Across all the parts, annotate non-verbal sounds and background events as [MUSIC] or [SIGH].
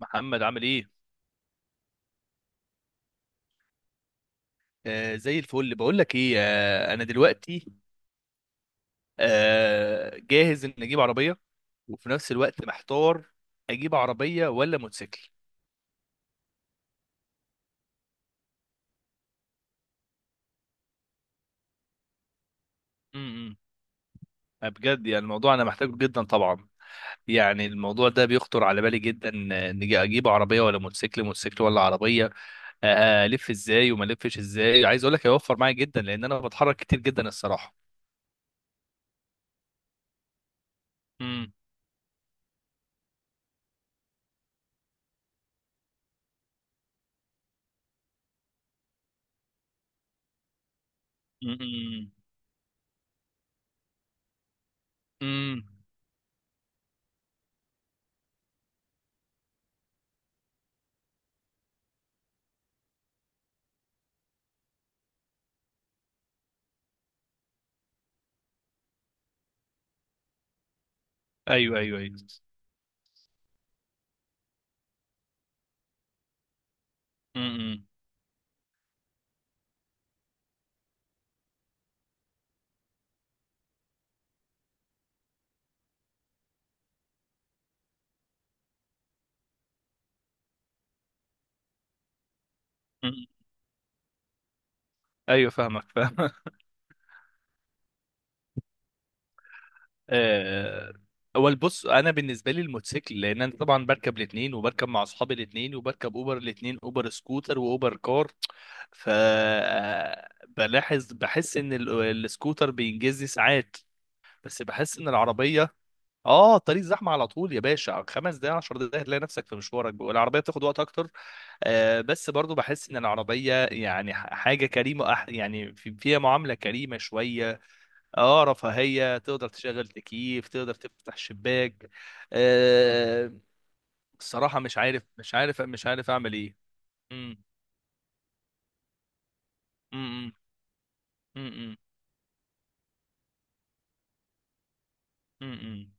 محمد عامل ايه؟ زي الفل. بقول لك ايه، انا دلوقتي جاهز ان اجيب عربيه، وفي نفس الوقت محتار. اجيب عربيه ولا موتوسيكل؟ امم. بجد يعني الموضوع انا محتاجه جدا طبعا. يعني الموضوع ده بيخطر على بالي جدا. نجي اجيب عربيه ولا موتوسيكل، موتوسيكل ولا عربيه؟ آه، الف ازاي وما الفش ازاي. عايز اقول لك هيوفر معايا جدا لان انا بتحرك كتير جدا الصراحه. امم. امم. امم. ايوه، ايوه، ايوه. امم. ايوه، فاهمك فاهمك. [LAUGHS] آه، اول بص، انا بالنسبه لي الموتوسيكل، لان انا طبعا بركب الاثنين، وبركب مع اصحابي الاثنين، وبركب اوبر الاثنين، اوبر سكوتر واوبر كار. ف بلاحظ بحس ان السكوتر بينجزني ساعات، بس بحس ان العربيه. اه، طريق زحمه على طول يا باشا، خمس دقايق عشر دقايق هتلاقي نفسك في مشوارك، والعربيه بتاخد وقت اكتر. بس برضو بحس ان العربيه يعني حاجه كريمه، يعني فيها معامله كريمه شويه. اه، رفاهية، تقدر تشغل تكييف تقدر تفتح شباك. آه الصراحة مش عارف، مش عارف، مش عارف اعمل ايه. مم، مم، مم، مم، مم،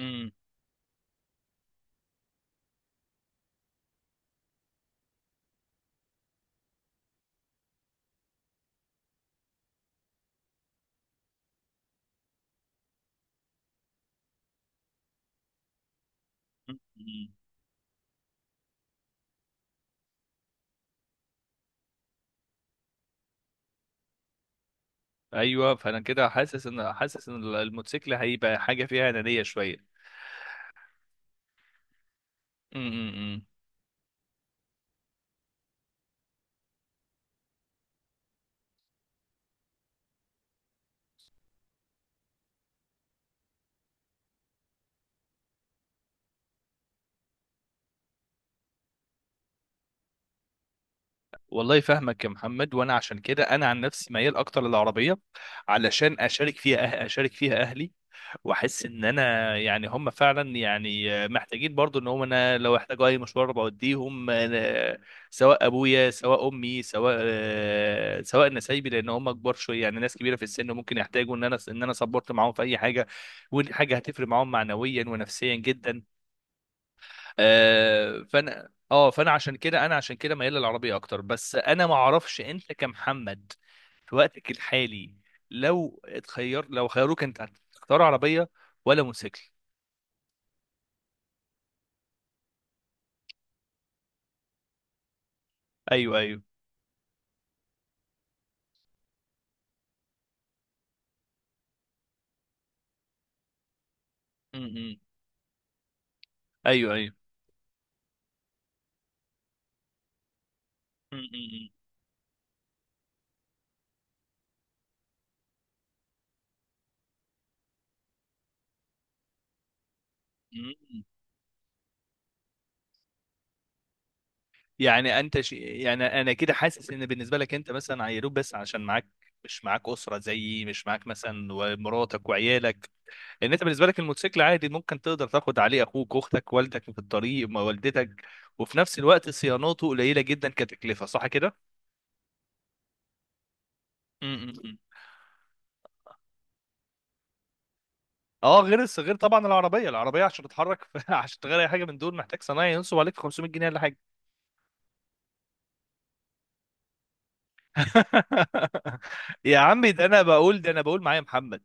مم، مم. ايوه، فانا كده حاسس ان الموتوسيكل هيبقى حاجة فيها انانية شوية. مم، مم، مم. والله فاهمك يا محمد، وانا عشان كده انا عن نفسي ميال اكتر للعربية، علشان اشارك فيها، اشارك فيها اهلي. واحس ان انا يعني هم فعلا يعني محتاجين برضو ان هم، انا لو احتاجوا اي مشوار بوديهم. سواء ابويا سواء امي سواء سواء نسايبي، لان هم كبار شويه، يعني ناس كبيره في السن، ممكن يحتاجوا ان انا سبورت معاهم في اي حاجه. ودي حاجه هتفرق معاهم معنويا ونفسيا جدا. فانا عشان كده انا عشان كده ميال للعربيه اكتر، بس انا ما اعرفش انت كمحمد في وقتك الحالي، لو اتخير لو خيروك انت، هتختار عربيه ولا موتوسيكل؟ ايوه، ايوه. م-م. ايوه، ايوه. م-م-م. م-م. يعني انت يعني انا كده حاسس ان بالنسبه لك انت مثلا عيروك، بس عشان معاك، مش معاك اسره زيي، مش معاك مثلا ومراتك وعيالك. ان انت بالنسبه لك الموتوسيكل عادي، ممكن تقدر تاخد عليه اخوك اختك والدك في الطريق ما والدتك. وفي نفس الوقت صيانته قليله جدا كتكلفه، صح كده؟ امم. اه، غير طبعا العربيه عشان تتحرك [LAUGHS] عشان تغير اي حاجه من دول محتاج صنايعي ينصب عليك في 500 جنيه ولا حاجه. [LAUGHS] يا عمي، ده انا بقول، ده انا بقول معايا محمد،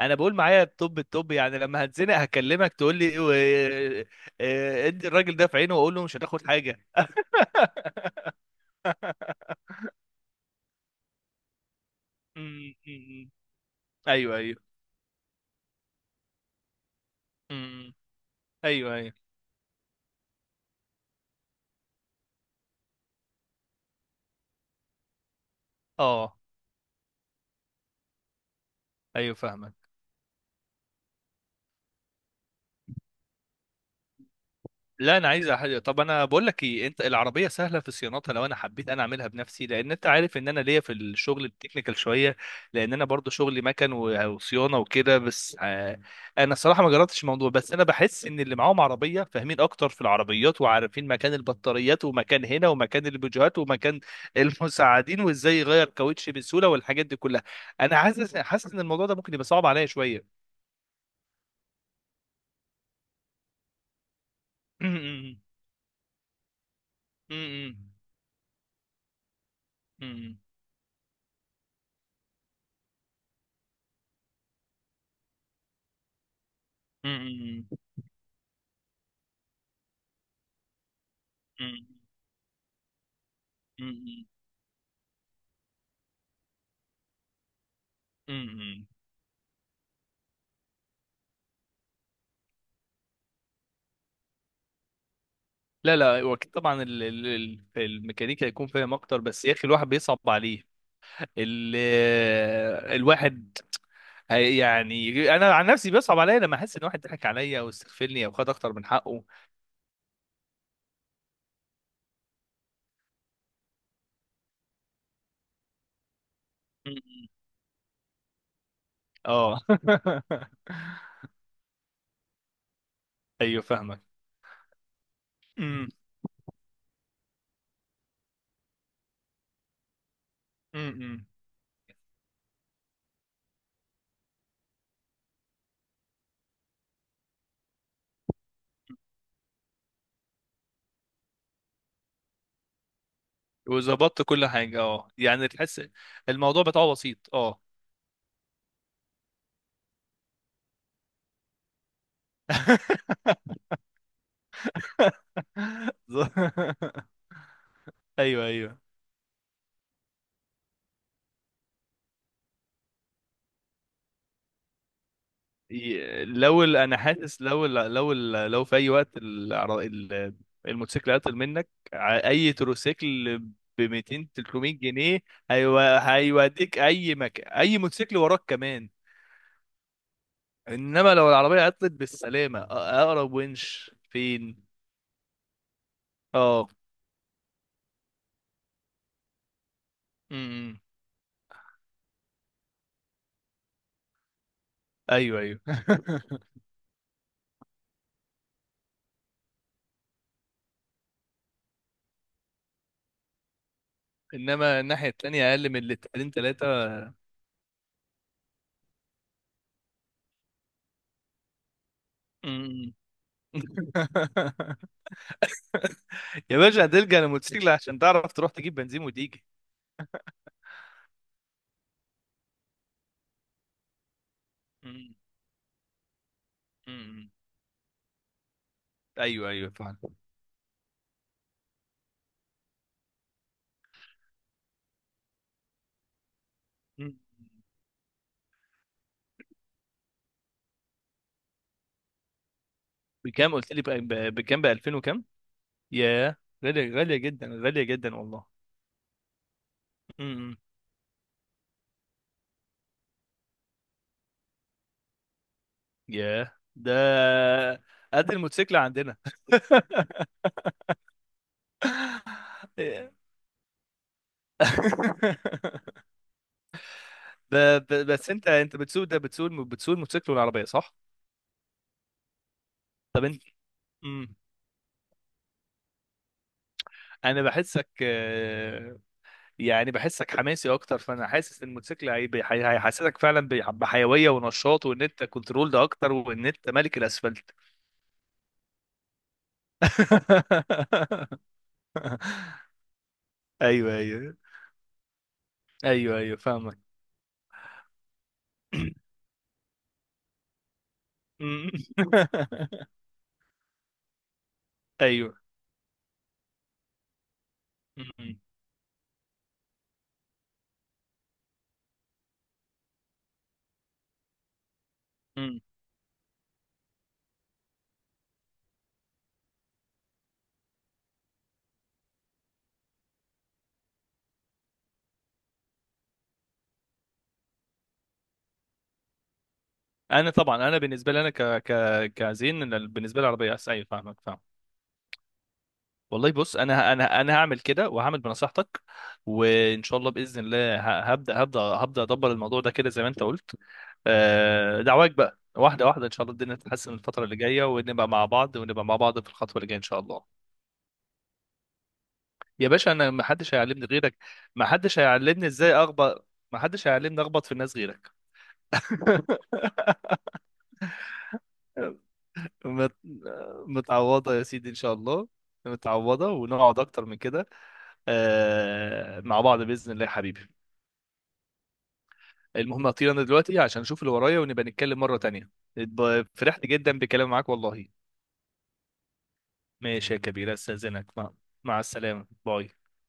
انا بقول معايا التوب التوب. يعني لما هتزنق هكلمك تقول لي ادي الراجل ده في عينه واقول له مش هتاخد حاجه. [LAUGHS] م- م- م. [LAUGHS] ايوه، ايوه، ايوه، ايوه، اه، ايوه، فاهمك. لا، انا عايز حاجه. طب انا بقول لك ايه، انت العربيه سهله في صيانتها لو انا حبيت انا اعملها بنفسي، لان انت عارف ان انا ليا في الشغل التكنيكال شويه، لان انا برضو شغلي مكن وصيانه وكده، بس انا الصراحه ما جربتش الموضوع. بس انا بحس ان اللي معاهم عربيه فاهمين اكتر في العربيات، وعارفين مكان البطاريات ومكان هنا ومكان البوجيهات ومكان [LAUGHS] المساعدين، وازاي يغير كاوتش بسهوله، والحاجات دي كلها. انا حاسس ان الموضوع ده ممكن يبقى صعب عليا شويه. [CLEARS THROAT] [LAUGHS] مم. مم. مم. مم. مم. لا، لا، وأكيد طبعا الميكانيكا هيكون فاهم اكتر، بس يا اخي الواحد بيصعب عليه ال الواحد يعني انا عن نفسي بيصعب عليا لما احس ان واحد ضحك عليا او استغفلني او خد اكتر من حقه. مم. اه. [LAUGHS] ايوه فاهمك. مم. مم. وظبطت كل حاجه، اه يعني تحس الموضوع بتاعه بسيط، اه. [LAUGHS] [LAUGHS] ايوه، ايوه. انا حاسس لو في اي وقت الموتوسيكل عطل منك اي تروسيكل ب 200 300 جنيه، هيوديك اي مكان، اي موتوسيكل وراك كمان. انما لو العربيه عطلت بالسلامه، اقرب ونش فين؟ اه، امم. ايوه، ايوه. [LAUGHS] انما الناحيه التانيه اقل من لترين ثلاثه. امم. [LAUGHS] يا باشا، هتلجأ للموتوسيكل عشان تعرف تروح تجيب بنزين وتيجي. امم. ايوه، ايوه، فعلا. مم. بكام قلت لي بكام؟ ب 2000 وكام؟ ياه، غالية، غالية جدا، غالية جدا والله. امم. ياه، ده قد الموتوسيكل عندنا. [LAUGHS] ب... بس انت، بتسوق ده، بتسوق الموتوسيكل والعربية، صح؟ طب انت؟ امم. انا بحسك يعني بحسك حماسي اكتر، فانا حاسس ان الموتوسيكل هيحسسك فعلا بحيويه ونشاط، وان انت كنترول ده اكتر، وان انت ملك الاسفلت. [LAUGHS] ايوه، ايوه. ايوه، ايوه، فاهمك. [CLEARS THROAT] [LAUGHS] ايوه. مم. مم. انا طبعا انا بالنسبه لي انا ك ك كزين. إن بالنسبه لي العربيه احسن، ايوه، فاهمك فاهمك. والله، بص، انا هعمل كده وهعمل بنصيحتك. وان شاء الله، باذن الله، هبدا ادبر الموضوع ده كده زي ما انت قلت. دعواك بقى واحده واحده، ان شاء الله الدنيا تتحسن الفتره اللي جايه، ونبقى مع بعض، ونبقى مع بعض في الخطوه اللي جايه ان شاء الله. يا باشا، انا ما حدش هيعلمني غيرك. ما حدش هيعلمني ازاي اخبط، ما حدش هيعلمني اخبط في الناس غيرك. [LAUGHS] مت... متعوضة يا سيدي إن شاء الله. متعوضة، ونقعد أكتر من كده مع بعض بإذن الله يا حبيبي. المهم، هطير انا دلوقتي عشان اشوف اللي ورايا، ونبقى نتكلم مرة تانية. فرحت جدا بكلام معاك والله. ماشي يا كبير، استاذنك. مع السلامة، باي.